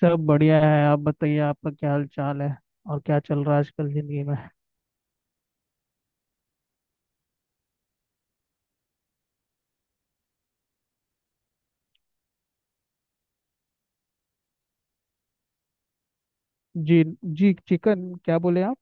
सब बढ़िया है। आप बताइए, आपका क्या हाल चाल है? और क्या चल रहा है आजकल जिंदगी में? जी जी, चिकन क्या बोले आप?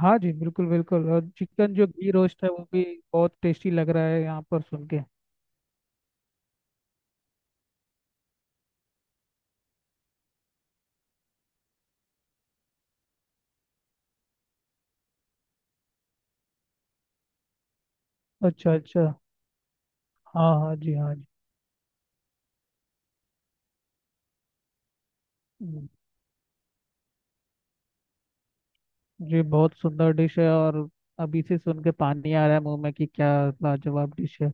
हाँ जी, बिल्कुल बिल्कुल। और चिकन जो घी रोस्ट है वो भी बहुत टेस्टी लग रहा है यहाँ पर सुन के। अच्छा अच्छा। हाँ हाँ जी, हाँ जी। हम्म, जी बहुत सुंदर डिश है। और अभी से सुन के पानी आ रहा है मुंह में कि क्या लाजवाब डिश है।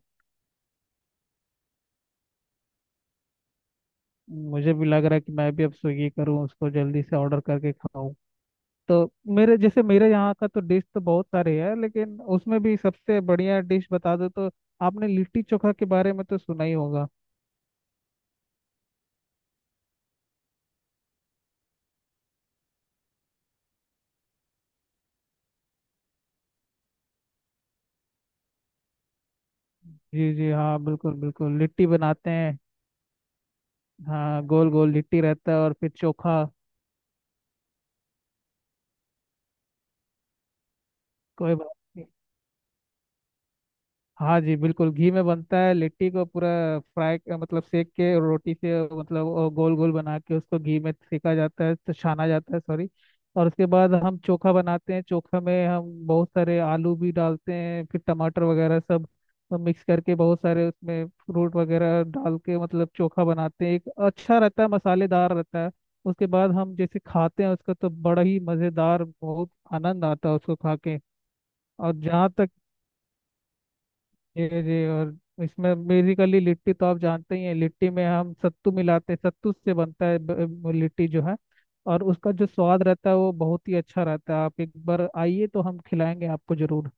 मुझे भी लग रहा है कि मैं भी अब स्विगी करूँ, उसको जल्दी से ऑर्डर करके खाऊं। तो मेरे जैसे मेरे यहाँ का तो डिश तो बहुत सारे है, लेकिन उसमें भी सबसे बढ़िया डिश बता दो तो आपने लिट्टी चोखा के बारे में तो सुना ही होगा। जी जी हाँ, बिल्कुल बिल्कुल लिट्टी बनाते हैं। हाँ, गोल गोल लिट्टी रहता है, और फिर चोखा। कोई बात। हाँ जी, बिल्कुल घी में बनता है लिट्टी को पूरा फ्राई, मतलब सेक के, और रोटी से मतलब और गोल गोल बना के उसको घी में सेका जाता है, तो छाना जाता है, सॉरी। और उसके बाद हम चोखा बनाते हैं। चोखा में हम बहुत सारे आलू भी डालते हैं, फिर टमाटर वगैरह सब मिक्स करके, बहुत सारे उसमें फ्रूट वगैरह डाल के मतलब चोखा बनाते हैं। एक अच्छा रहता है, मसालेदार रहता है। उसके बाद हम जैसे खाते हैं उसको, तो बड़ा ही मज़ेदार, बहुत आनंद आता है उसको खा के। और जहाँ तक, जी जी, और इसमें बेसिकली लिट्टी तो आप जानते ही हैं। लिट्टी में हम सत्तू मिलाते हैं, सत्तू से बनता है लिट्टी जो है। और उसका जो स्वाद रहता है वो बहुत ही अच्छा रहता है। आप एक बार आइए तो हम खिलाएंगे आपको जरूर।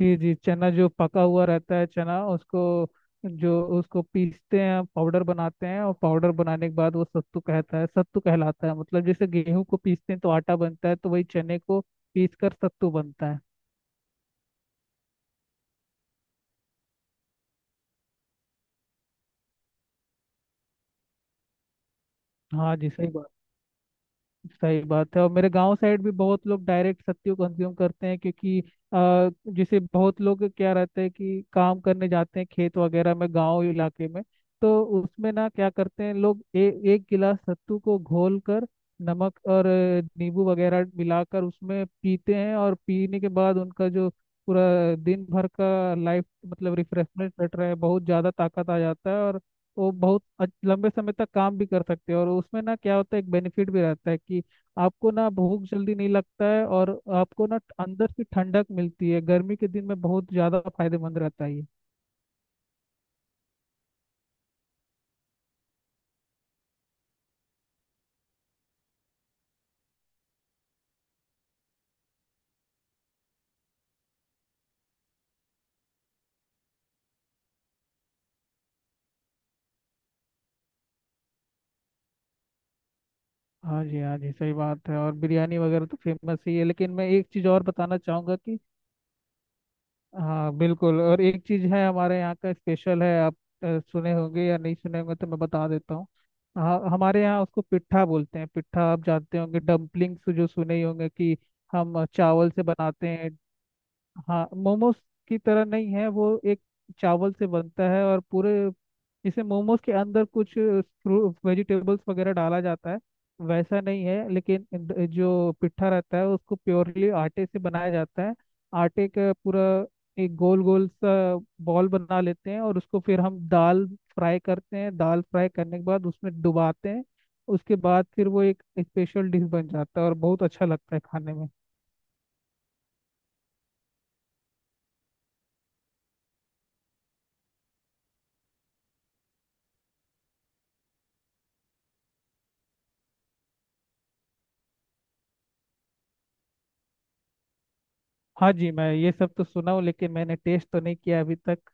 जी जी, चना जो पका हुआ रहता है चना, उसको जो उसको पीसते हैं, पाउडर बनाते हैं, और पाउडर बनाने के बाद वो सत्तू कहता है, सत्तू कहलाता है। मतलब जैसे गेहूं को पीसते हैं तो आटा बनता है, तो वही चने को पीस कर सत्तू बनता है। हाँ जी, सही बात। सही बात है। और मेरे गांव साइड भी बहुत लोग डायरेक्ट सत्तू कंज्यूम करते हैं क्योंकि जैसे बहुत लोग क्या रहता है कि काम करने जाते हैं खेत वगैरह में, गांव इलाके में। तो उसमें ना क्या करते हैं लोग, एक गिलास सत्तू को घोल कर नमक और नींबू वगैरह मिलाकर उसमें पीते हैं, और पीने के बाद उनका जो पूरा दिन भर का लाइफ मतलब रिफ्रेशमेंट रहता है, बहुत ज़्यादा ताकत आ जाता है। और वो बहुत लंबे समय तक काम भी कर सकते हो, और उसमें ना क्या होता है, एक बेनिफिट भी रहता है कि आपको ना भूख जल्दी नहीं लगता है, और आपको ना अंदर से ठंडक मिलती है। गर्मी के दिन में बहुत ज़्यादा फायदेमंद रहता है ये। हाँ जी, हाँ जी, सही बात है। और बिरयानी वगैरह तो फेमस ही है, लेकिन मैं एक चीज़ और बताना चाहूँगा कि हाँ बिल्कुल, और एक चीज है हमारे यहाँ का स्पेशल है। आप सुने होंगे या नहीं सुने होंगे, तो मैं बता देता हूँ। हाँ, हमारे यहाँ उसको पिट्ठा बोलते हैं। पिट्ठा आप जानते होंगे, डम्पलिंग्स जो सुने ही होंगे कि हम चावल से बनाते हैं। हाँ, मोमोज की तरह नहीं है। वो एक चावल से बनता है, और पूरे इसे मोमोज के अंदर कुछ वेजिटेबल्स वगैरह डाला जाता है, वैसा नहीं है। लेकिन जो पिट्ठा रहता है उसको प्योरली आटे से बनाया जाता है। आटे का पूरा एक गोल गोल सा बॉल बना लेते हैं, और उसको फिर हम दाल फ्राई करते हैं। दाल फ्राई करने के बाद उसमें डुबाते हैं। उसके बाद फिर वो एक स्पेशल डिश बन जाता है, और बहुत अच्छा लगता है खाने में। हाँ जी, मैं ये सब तो सुना हूँ, लेकिन मैंने टेस्ट तो नहीं किया अभी तक।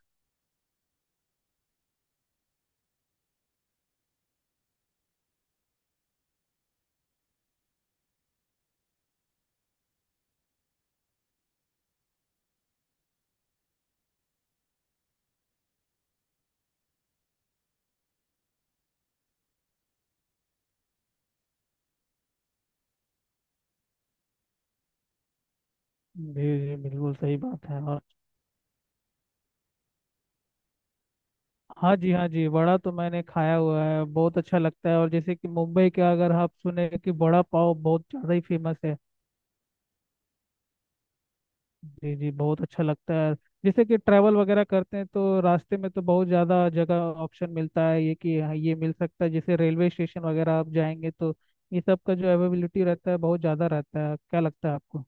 जी जी, बिल्कुल सही बात है। और हाँ जी, हाँ जी, वड़ा तो मैंने खाया हुआ है, बहुत अच्छा लगता है। और जैसे कि मुंबई का अगर आप सुने, कि वड़ा पाव बहुत ज़्यादा ही फेमस है। जी जी, बहुत अच्छा लगता है। जैसे कि ट्रैवल वगैरह करते हैं तो रास्ते में तो बहुत ज़्यादा जगह ऑप्शन मिलता है ये कि हाँ, ये मिल सकता है। जैसे रेलवे स्टेशन वगैरह आप जाएंगे, तो ये सब का जो अवेलेबिलिटी रहता है बहुत ज़्यादा रहता है। क्या लगता है आपको?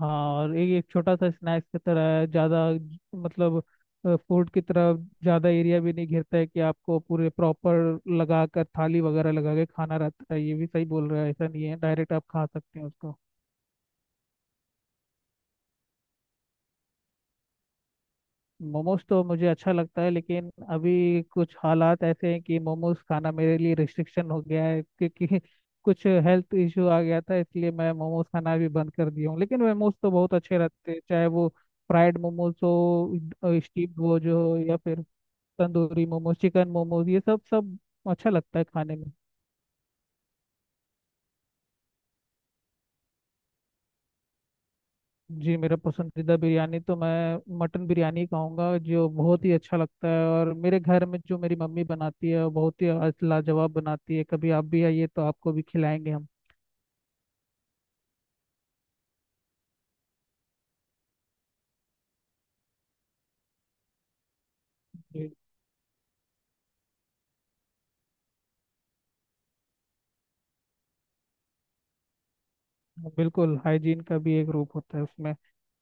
हाँ, और एक एक छोटा सा स्नैक्स की तरह है ज़्यादा। मतलब फूड की तरफ ज़्यादा एरिया भी नहीं घेरता है कि आपको पूरे प्रॉपर लगा कर थाली वगैरह लगा के खाना रहता है। ये भी सही बोल रहा है, ऐसा नहीं है, डायरेक्ट आप खा सकते हैं उसको। मोमोज तो मुझे अच्छा लगता है, लेकिन अभी कुछ हालात ऐसे हैं कि मोमोज खाना मेरे लिए रिस्ट्रिक्शन हो गया है, क्योंकि कुछ हेल्थ इश्यू आ गया था, इसलिए मैं मोमोज खाना भी बंद कर दिया हूँ। लेकिन मोमोज तो बहुत अच्छे रहते हैं, चाहे वो फ्राइड मोमोज हो, स्टीम वो जो हो, या फिर तंदूरी मोमोज, चिकन मोमोज, ये सब सब अच्छा लगता है खाने में। जी मेरा पसंदीदा बिरयानी तो मैं मटन बिरयानी कहूँगा, जो बहुत ही अच्छा लगता है। और मेरे घर में जो मेरी मम्मी बनाती है वो बहुत ही आज लाजवाब बनाती है। कभी आप भी आइए तो आपको भी खिलाएंगे हम। बिल्कुल, हाइजीन का भी एक रूप होता है उसमें।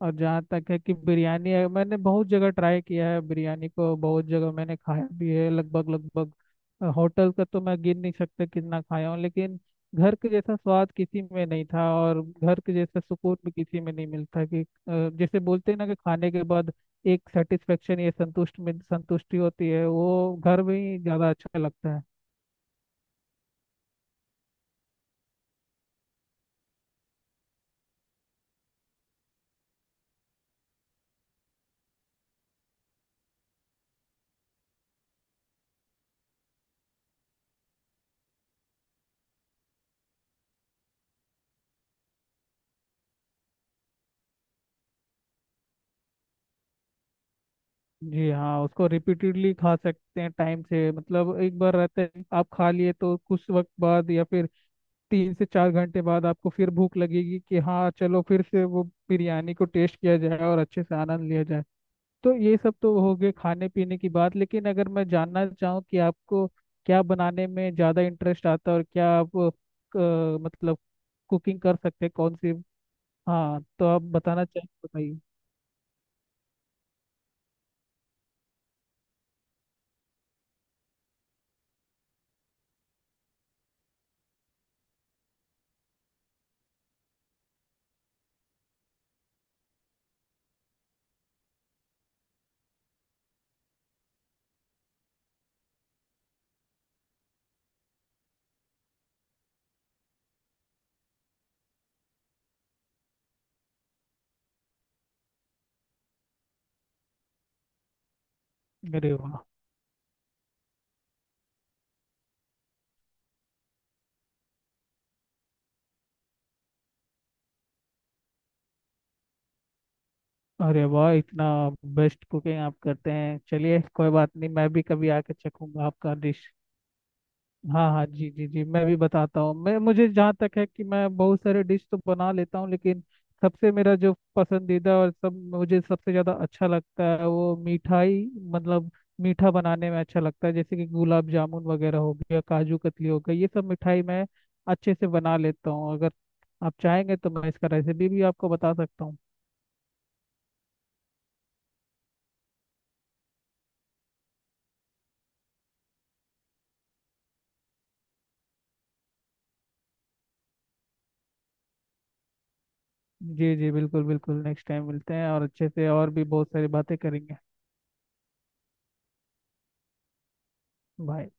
और जहाँ तक है कि बिरयानी है, मैंने बहुत जगह ट्राई किया है, बिरयानी को बहुत जगह मैंने खाया भी है, लगभग लगभग होटल का तो मैं गिन नहीं सकता कितना खाया हूँ। लेकिन घर के जैसा स्वाद किसी में नहीं था, और घर के जैसा सुकून भी किसी में नहीं मिलता कि जैसे बोलते हैं ना, कि खाने के बाद एक सेटिस्फेक्शन या संतुष्ट में संतुष्टि होती है, वो घर में ही ज़्यादा अच्छा लगता है। जी हाँ, उसको रिपीटेडली खा सकते हैं टाइम से। मतलब एक बार रहता है आप खा लिए तो कुछ वक्त बाद, या फिर तीन से चार घंटे बाद आपको फिर भूख लगेगी कि हाँ, चलो फिर से वो बिरयानी को टेस्ट किया जाए और अच्छे से आनंद लिया जाए। तो ये सब तो हो गए खाने पीने की बात, लेकिन अगर मैं जानना चाहूँ कि आपको क्या बनाने में ज़्यादा इंटरेस्ट आता है, और क्या आप मतलब कुकिंग कर सकते हैं कौन सी? हाँ तो आप बताना चाहें तो बताइए। अरे वाह। अरे वाह, इतना बेस्ट कुकिंग आप करते हैं। चलिए कोई बात नहीं, मैं भी कभी आके चखूंगा आपका डिश। हाँ हाँ जी, जी जी, मैं भी बताता हूँ। मैं मुझे जहाँ तक है कि मैं बहुत सारे डिश तो बना लेता हूँ, लेकिन सबसे मेरा जो पसंदीदा और सब मुझे सबसे ज़्यादा अच्छा लगता है वो मिठाई, मतलब मीठा बनाने में अच्छा लगता है। जैसे कि गुलाब जामुन वगैरह हो गया, काजू कतली हो गई, ये सब मिठाई मैं अच्छे से बना लेता हूँ। अगर आप चाहेंगे तो मैं इसका रेसिपी भी आपको बता सकता हूँ। जी जी, बिल्कुल बिल्कुल, नेक्स्ट टाइम मिलते हैं, और अच्छे से और भी बहुत सारी बातें करेंगे। बाय।